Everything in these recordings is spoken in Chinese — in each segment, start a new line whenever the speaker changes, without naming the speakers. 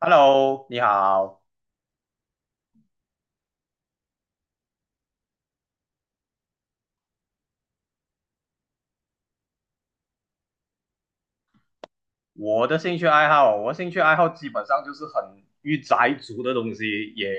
Hello，你好。我兴趣爱好基本上就是很御宅族的东西，也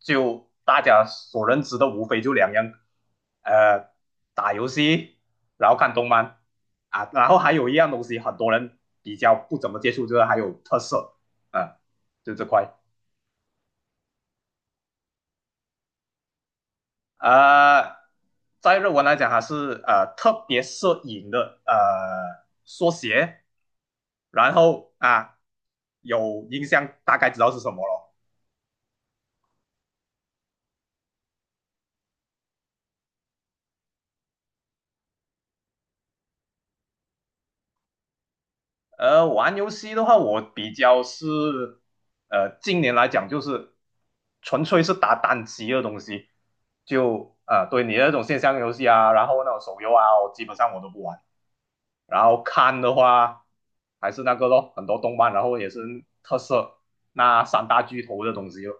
就大家所认知的无非就两样，呃，打游戏，然后看动漫啊，然后还有一样东西，很多人比较不怎么接触，就是还有特色，啊，就这块。呃，在日文来讲，还是特别摄影的缩写，然后啊有印象，大概知道是什么了。玩游戏的话，我比较是近年来讲就是纯粹是打单机的东西，就对你那种线上游戏啊，然后那种手游啊，我基本上都不玩。然后看的话还是那个咯，很多动漫，然后也是特色那三大巨头的东西咯。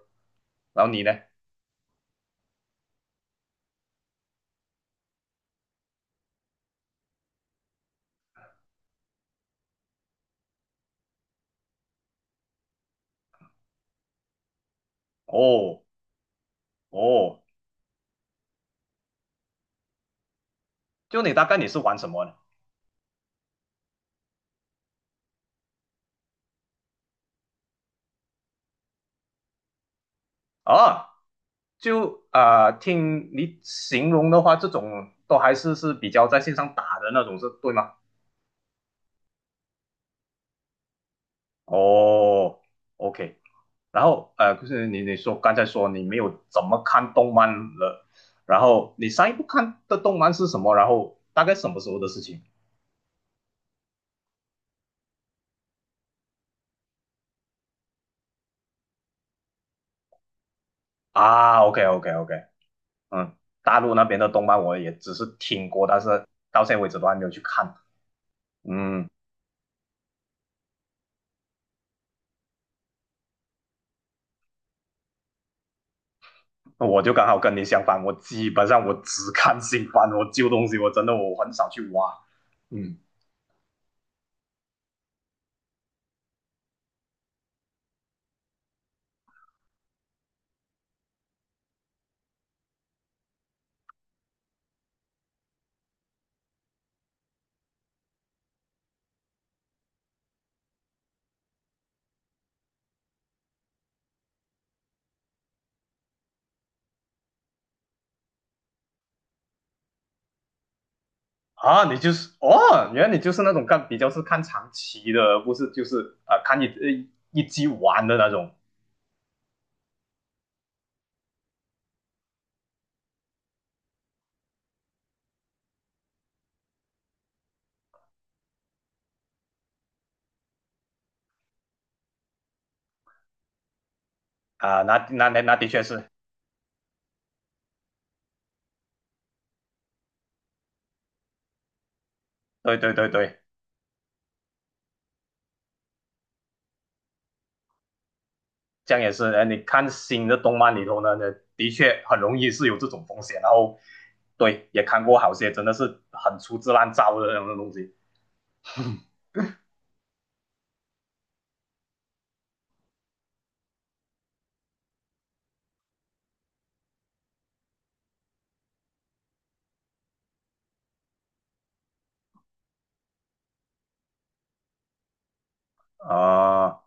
然后你呢？哦哦，你大概是玩什么呢？啊，就听你形容的话，这种都还是是比较在线上打的那种，是对吗？哦，OK。然后就是你刚才说你没有怎么看动漫了，然后你上一部看的动漫是什么？然后大概什么时候的事情？啊，OK OK OK，嗯，大陆那边的动漫我也只是听过，但是到现在为止都还没有去看。嗯，我就刚好跟你相反，我基本上只看新番，我旧东西真的我很少去挖。嗯，啊，你就是哦，原来你就是那种看比较是看长期的，而不是就是看一集完的那种啊、那的确是，对对对对。这样也是，你看新的动漫里头呢，的确很容易是有这种风险。然后，对，也看过好些真的是很粗制滥造的那种东西。啊，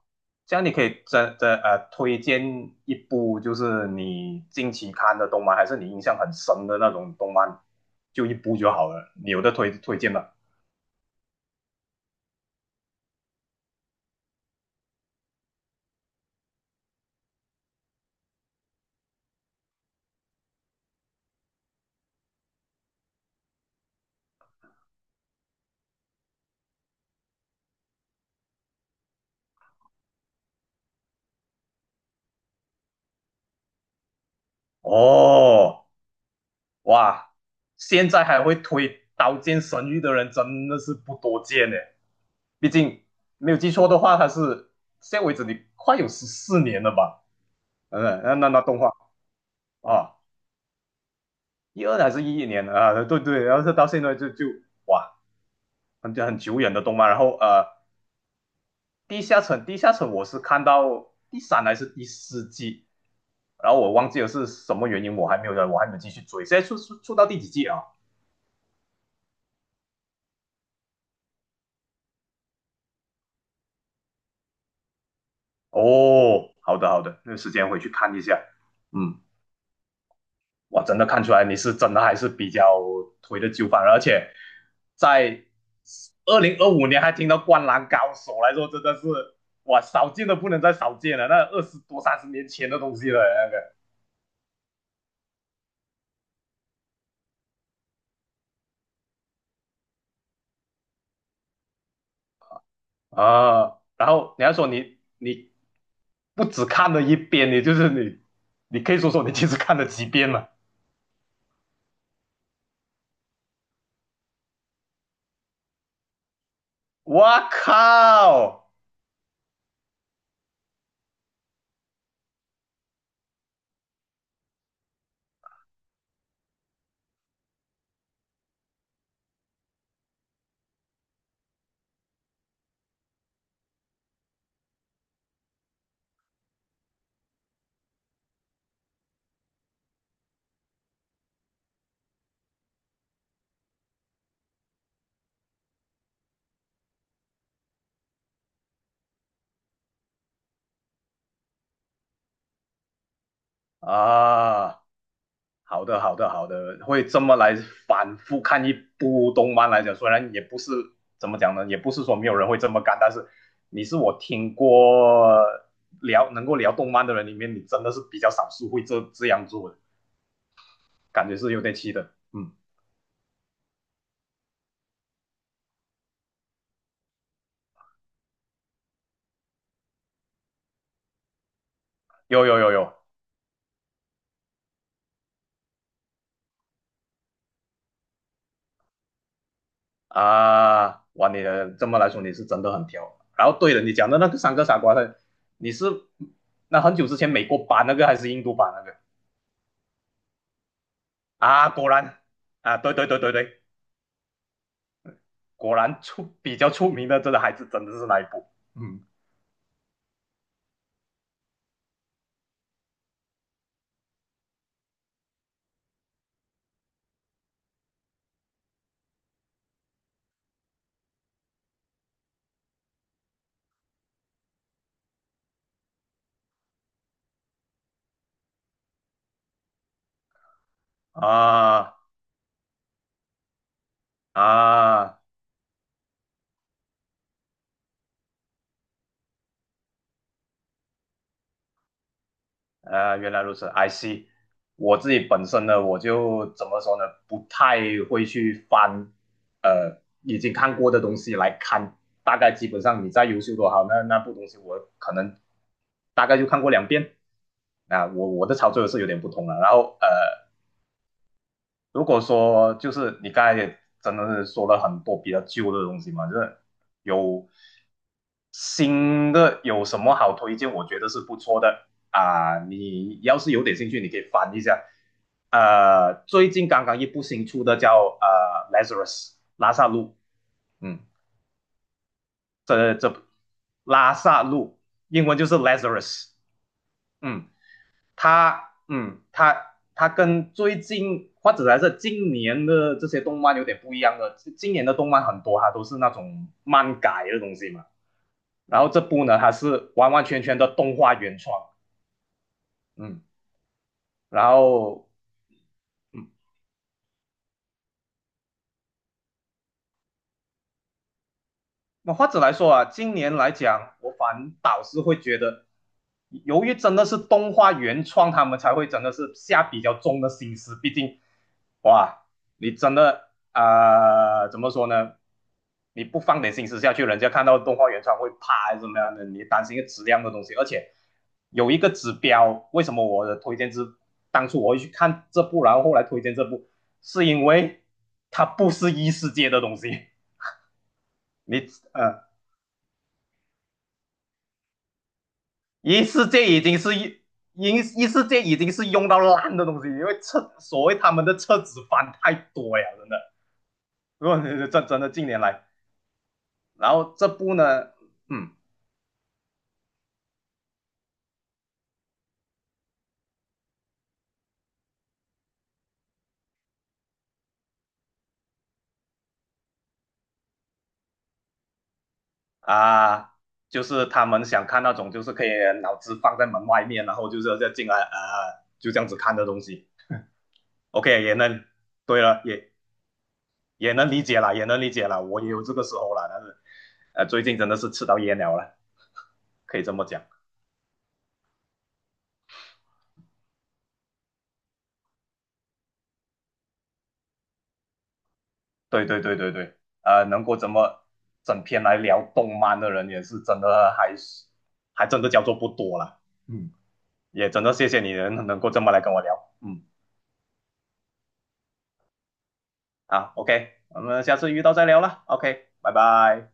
这样你可以真的推荐一部就是你近期看的动漫，还是你印象很深的那种动漫，就一部就好了。你有的推荐吗？哦，哇，现在还会推《刀剑神域》的人真的是不多见呢。毕竟没有记错的话，它是现在为止你快有14年了吧？嗯，那动画啊，一二还是一一年啊？对对，然后是到现在就哇，很久远的动漫。然后地下城我是看到第三还是第四季，然后我忘记了是什么原因，我还没有继续追。现在出到第几季啊？哦，好的好的，那时间回去看一下。嗯，哇，真的看出来你是真的还是比较推的旧番，而且在2025年还听到《灌篮高手》来说，真的是哇，少见的不能再少见了，那20多30年前的东西了那个啊。然后你还说你不只看了一遍，你可以说说你其实看了几遍了。我靠啊！好的，好的，好的，会这么来反复看一部动漫来讲，虽然也不是怎么讲呢，也不是说没有人会这么干，但是你是我听过聊能够聊动漫的人里面，你真的是比较少数会这样做的，感觉是有点气的。嗯，有有有有啊，哇，你的这么来说你是真的很挑。然后对了，你讲的那个三个傻瓜的，你是那很久之前美国版那个还是印度版那个啊？果然啊，对对对对对。果然出比较出名的这个还是真的是那一部。嗯啊啊，原来如此，I see。我自己本身呢，我就怎么说呢，不太会去翻已经看过的东西来看。大概基本上你再优秀多好，那那部东西我可能大概就看过两遍。啊，我的操作是有点不同了。然后如果说就是你刚才也真的是说了很多比较旧的东西嘛，就是有新的有什么好推荐？我觉得是不错的啊。你要是有点兴趣，你可以翻一下。最近刚刚一部新出的叫《Lazarus》拉萨路，嗯，这拉萨路英文就是 Lazarus，嗯。它，嗯，它跟最近或者还是今年的这些动漫有点不一样的，今年的动漫很多它都是那种漫改的东西嘛，然后这部呢它是完完全全的动画原创，嗯，然后嗯。那或者来说啊，今年来讲，我反倒是会觉得，由于真的是动画原创，他们才会真的是下比较重的心思。毕竟，哇，你真的怎么说呢？你不放点心思下去，人家看到动画原创会怕还是怎么样的？你担心一个质量的东西，而且有一个指标，为什么我的推荐是当初我会去看这部，然后后来推荐这部，是因为它不是异世界的东西，你呃。一世界已经是一一一世界已经是用到烂的东西，因为厕所谓他们的厕纸翻太多呀，真的。如果真的近年来，然后这部呢，嗯啊，就是他们想看那种就是可以脑子放在门外面，然后就是再进来，就这样子看的东西。OK，也能，对了，也能理解了，也能理解了，我也有这个时候了，但是最近真的是吃到噎了，可以这么讲。对对对对对，能够这么整篇来聊动漫的人，也是真的还真的叫做不多了。嗯，也真的谢谢你能够这么来跟我聊。嗯，好，OK，我们下次遇到再聊了。OK，拜拜。